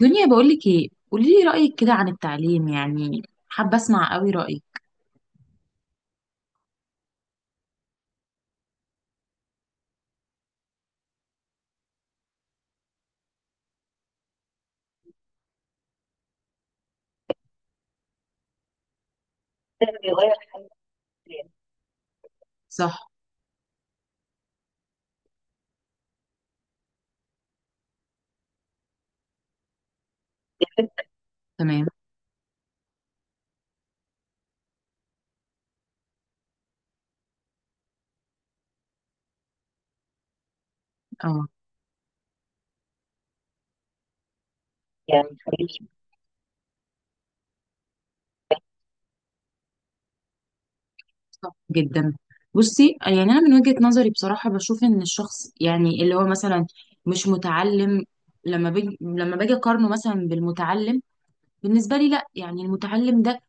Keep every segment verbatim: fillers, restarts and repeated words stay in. دنيا، بقولك ايه، قولي لي رأيك كده عن التعليم يعني. حابة اسمع قوي رأيك. صح. تمام. اه. يعني. صح جدا. بصي، يعني انا من وجهة نظري بصراحة بشوف ان الشخص يعني اللي هو مثلا مش متعلم، لما بيجي لما باجي اقارنه مثلا بالمتعلم، بالنسبة لي لا، يعني المتعلم ده،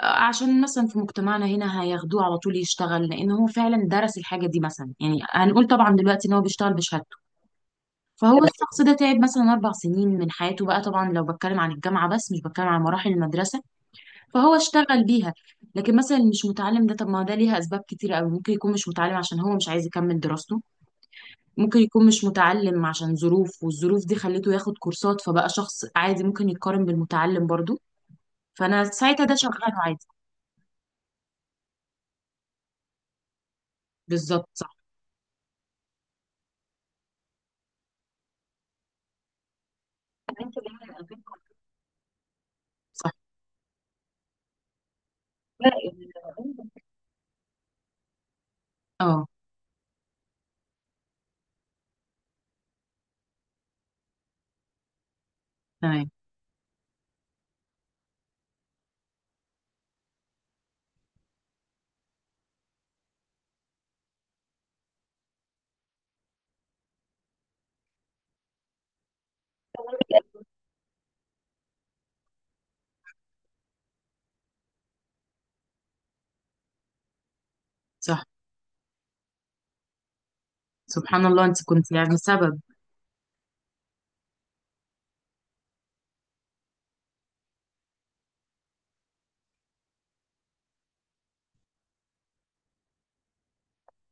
آه، عشان مثلا في مجتمعنا هنا هياخدوه على طول يشتغل لان هو فعلا درس الحاجة دي، مثلا يعني هنقول طبعا دلوقتي ان هو بيشتغل بشهادته. فهو الشخص ده تعب مثلا أربع سنين من حياته، بقى طبعا لو بتكلم عن الجامعة بس، مش بتكلم عن مراحل المدرسة، فهو اشتغل بيها. لكن مثلا اللي مش متعلم ده، طب ما ده ليها أسباب كتيرة أوي. ممكن يكون مش متعلم عشان هو مش عايز يكمل دراسته. ممكن يكون مش متعلم عشان ظروف، والظروف دي خلته ياخد كورسات، فبقى شخص عادي ممكن يتقارن بالمتعلم برضو، فأنا ساعتها ده شغاله عادي. بالظبط صح. صح. اه. تمام. صح. سبحان الله، أنت كنت يعني.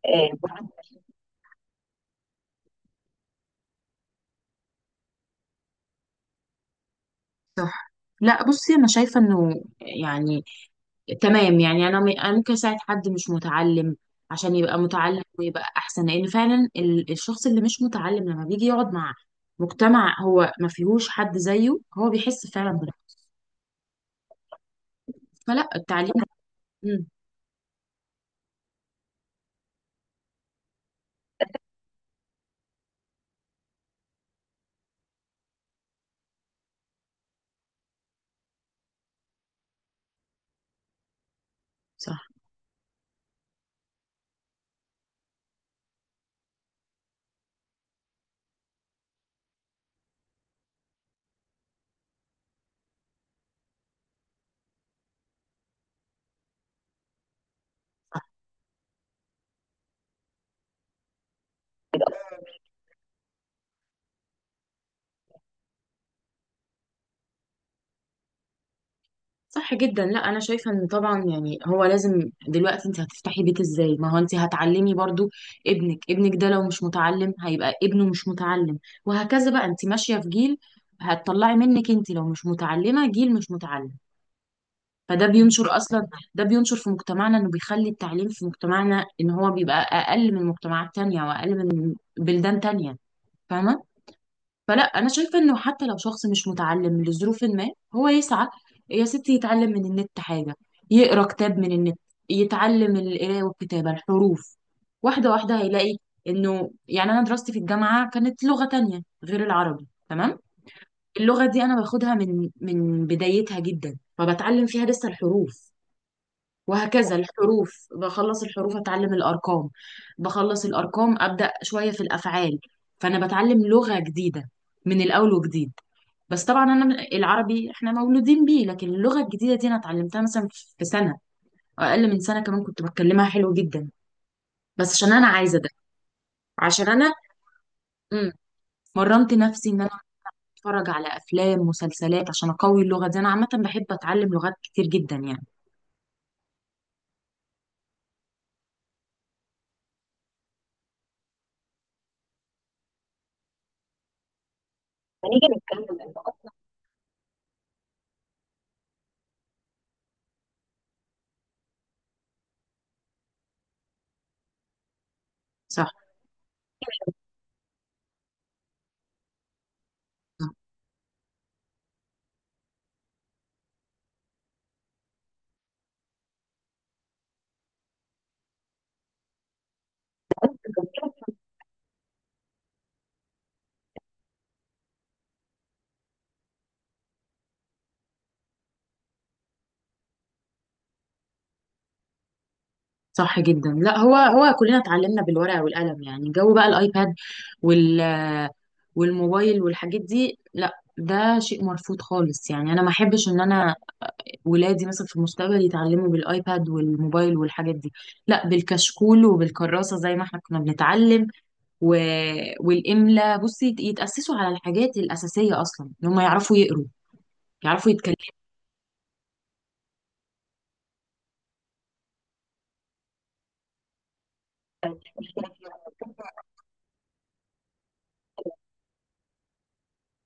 سبب. صح. لا بصي، انا شايفه انه يعني تمام. يعني انا م- أنا ممكن اساعد حد مش متعلم عشان يبقى متعلم ويبقى احسن، لان فعلا ال- الشخص اللي مش متعلم لما بيجي يقعد مع مجتمع هو ما فيهوش حد زيه، هو بيحس فعلا بالراحه، فلا التعليم مم، صح. صح جدا. لا انا شايفه ان طبعا يعني هو لازم دلوقتي، انت هتفتحي بيت ازاي؟ ما هو انت هتعلمي برضو، ابنك ابنك ده لو مش متعلم هيبقى ابنه مش متعلم، وهكذا بقى، انت ماشيه في جيل. هتطلعي منك انت لو مش متعلمه جيل مش متعلم. فده بينشر اصلا، ده بينشر في مجتمعنا، انه بيخلي التعليم في مجتمعنا ان هو بيبقى اقل من مجتمعات تانية واقل من بلدان تانية. فاهمه؟ فلا انا شايفه انه حتى لو شخص مش متعلم لظروف ما، هو يسعى، يا ستي يتعلم من النت حاجه، يقرا كتاب من النت، يتعلم القرايه والكتابه، الحروف واحده واحده هيلاقي انه يعني. انا دراستي في الجامعه كانت لغه تانية غير العربي، تمام؟ اللغه دي انا باخدها من من بدايتها جدا، فبتعلم فيها لسه الحروف وهكذا. الحروف بخلص، الحروف اتعلم الارقام، بخلص الارقام ابدا شويه في الافعال، فانا بتعلم لغه جديده من الاول وجديد. بس طبعا انا العربي احنا مولودين بيه، لكن اللغه الجديده دي انا اتعلمتها مثلا في سنه أو اقل من سنه كمان، كنت بتكلمها حلو جدا، بس عشان انا عايزه ده. عشان انا مم. مرنت نفسي ان انا اتفرج على افلام مسلسلات عشان اقوي اللغه دي. انا عامه بحب اتعلم لغات كتير جدا يعني. هنيجي نتكلم عن النقط. صح. صح. صح جدا. لا هو هو كلنا اتعلمنا بالورقة والقلم يعني، جو بقى الايباد وال والموبايل والحاجات دي، لا، ده شيء مرفوض خالص يعني. انا ما احبش ان انا ولادي مثلا في المستقبل يتعلموا بالايباد والموبايل والحاجات دي، لا، بالكشكول وبالكراسة زي ما احنا كنا بنتعلم و... والإملا. بصي يتأسسوا على الحاجات الأساسية اصلا، ان هم يعرفوا يقروا، يعرفوا يتكلموا.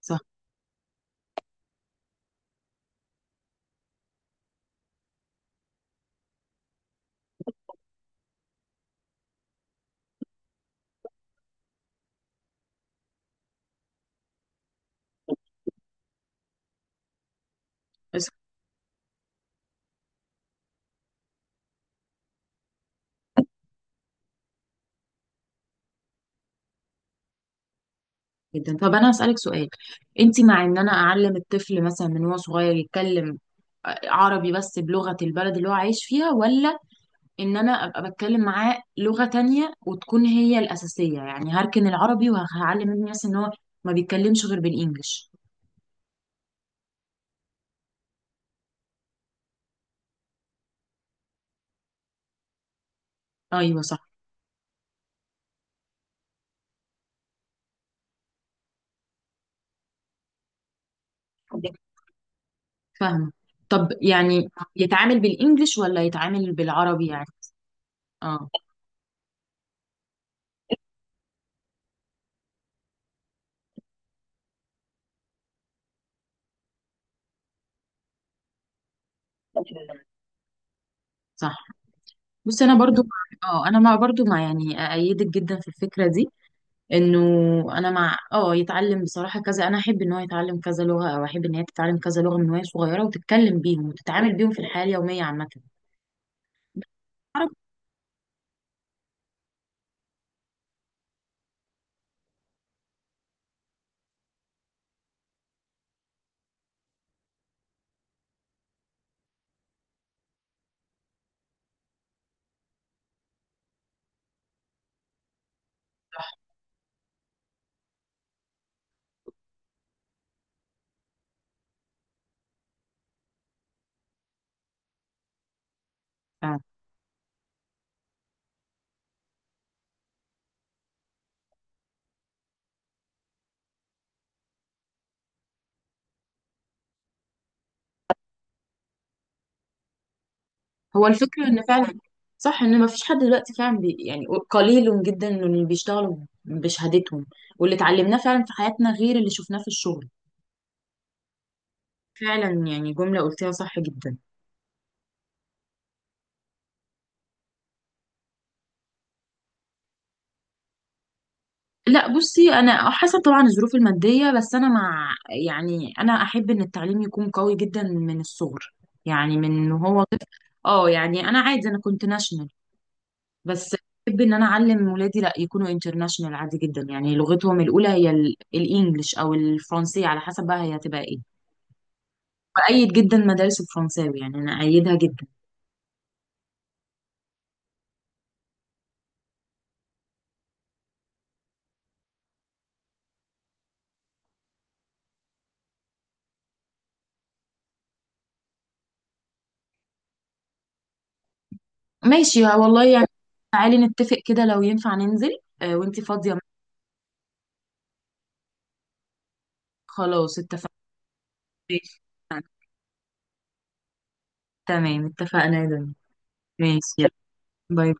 صح. صح جدا. طب انا هسألك سؤال. انت مع ان انا اعلم الطفل مثلا من هو صغير يتكلم عربي بس بلغة البلد اللي هو عايش فيها، ولا ان انا ابقى بتكلم معاه لغة تانية وتكون هي الأساسية، يعني هركن العربي وهعلم ابني مثلا ان هو ما بيتكلمش غير بالانجلش؟ ايوه صح. فاهمة. طب يعني يتعامل بالانجلش ولا يتعامل بالعربي يعني؟ اه. صح. بصي انا برضو، اه انا مع برضو، مع يعني ايدك جدا في الفكرة دي، انه انا مع اه يتعلم بصراحه كذا. انا احب ان هو يتعلم كذا لغه، او احب ان هي تتعلم كذا لغه من وهي صغيره وتتكلم بيهم وتتعامل بيهم في الحياه اليوميه عامه. عارف- آه. هو الفكره ان فعلا صح، ان ما فيش حد دلوقتي فعلا بي يعني قليل جدا إنه اللي بيشتغلوا بشهادتهم واللي اتعلمناه فعلا في حياتنا غير اللي شفناه في الشغل. فعلا يعني جمله قلتيها صح جدا. لا بصي انا حسب طبعا الظروف الماديه، بس انا مع يعني. انا احب ان التعليم يكون قوي جدا من الصغر، يعني من هو. اه يعني انا عادي، انا كنت ناشونال بس. بحب ان انا اعلم ولادي لا، يكونوا انترناشونال عادي جدا، يعني لغتهم الاولى هي ال- الانجليش او الفرنسيه على حسب بقى هي هتبقى ايه. بأيد جدا مدارس الفرنساوي يعني، انا ايدها جدا. ماشي. ها والله يعني، تعالي نتفق كده لو ينفع ننزل، آه وانتي فاضيه. خلاص اتفقنا. ماشي. تمام اتفقنا يا دنيا. ماشي يلا. باي.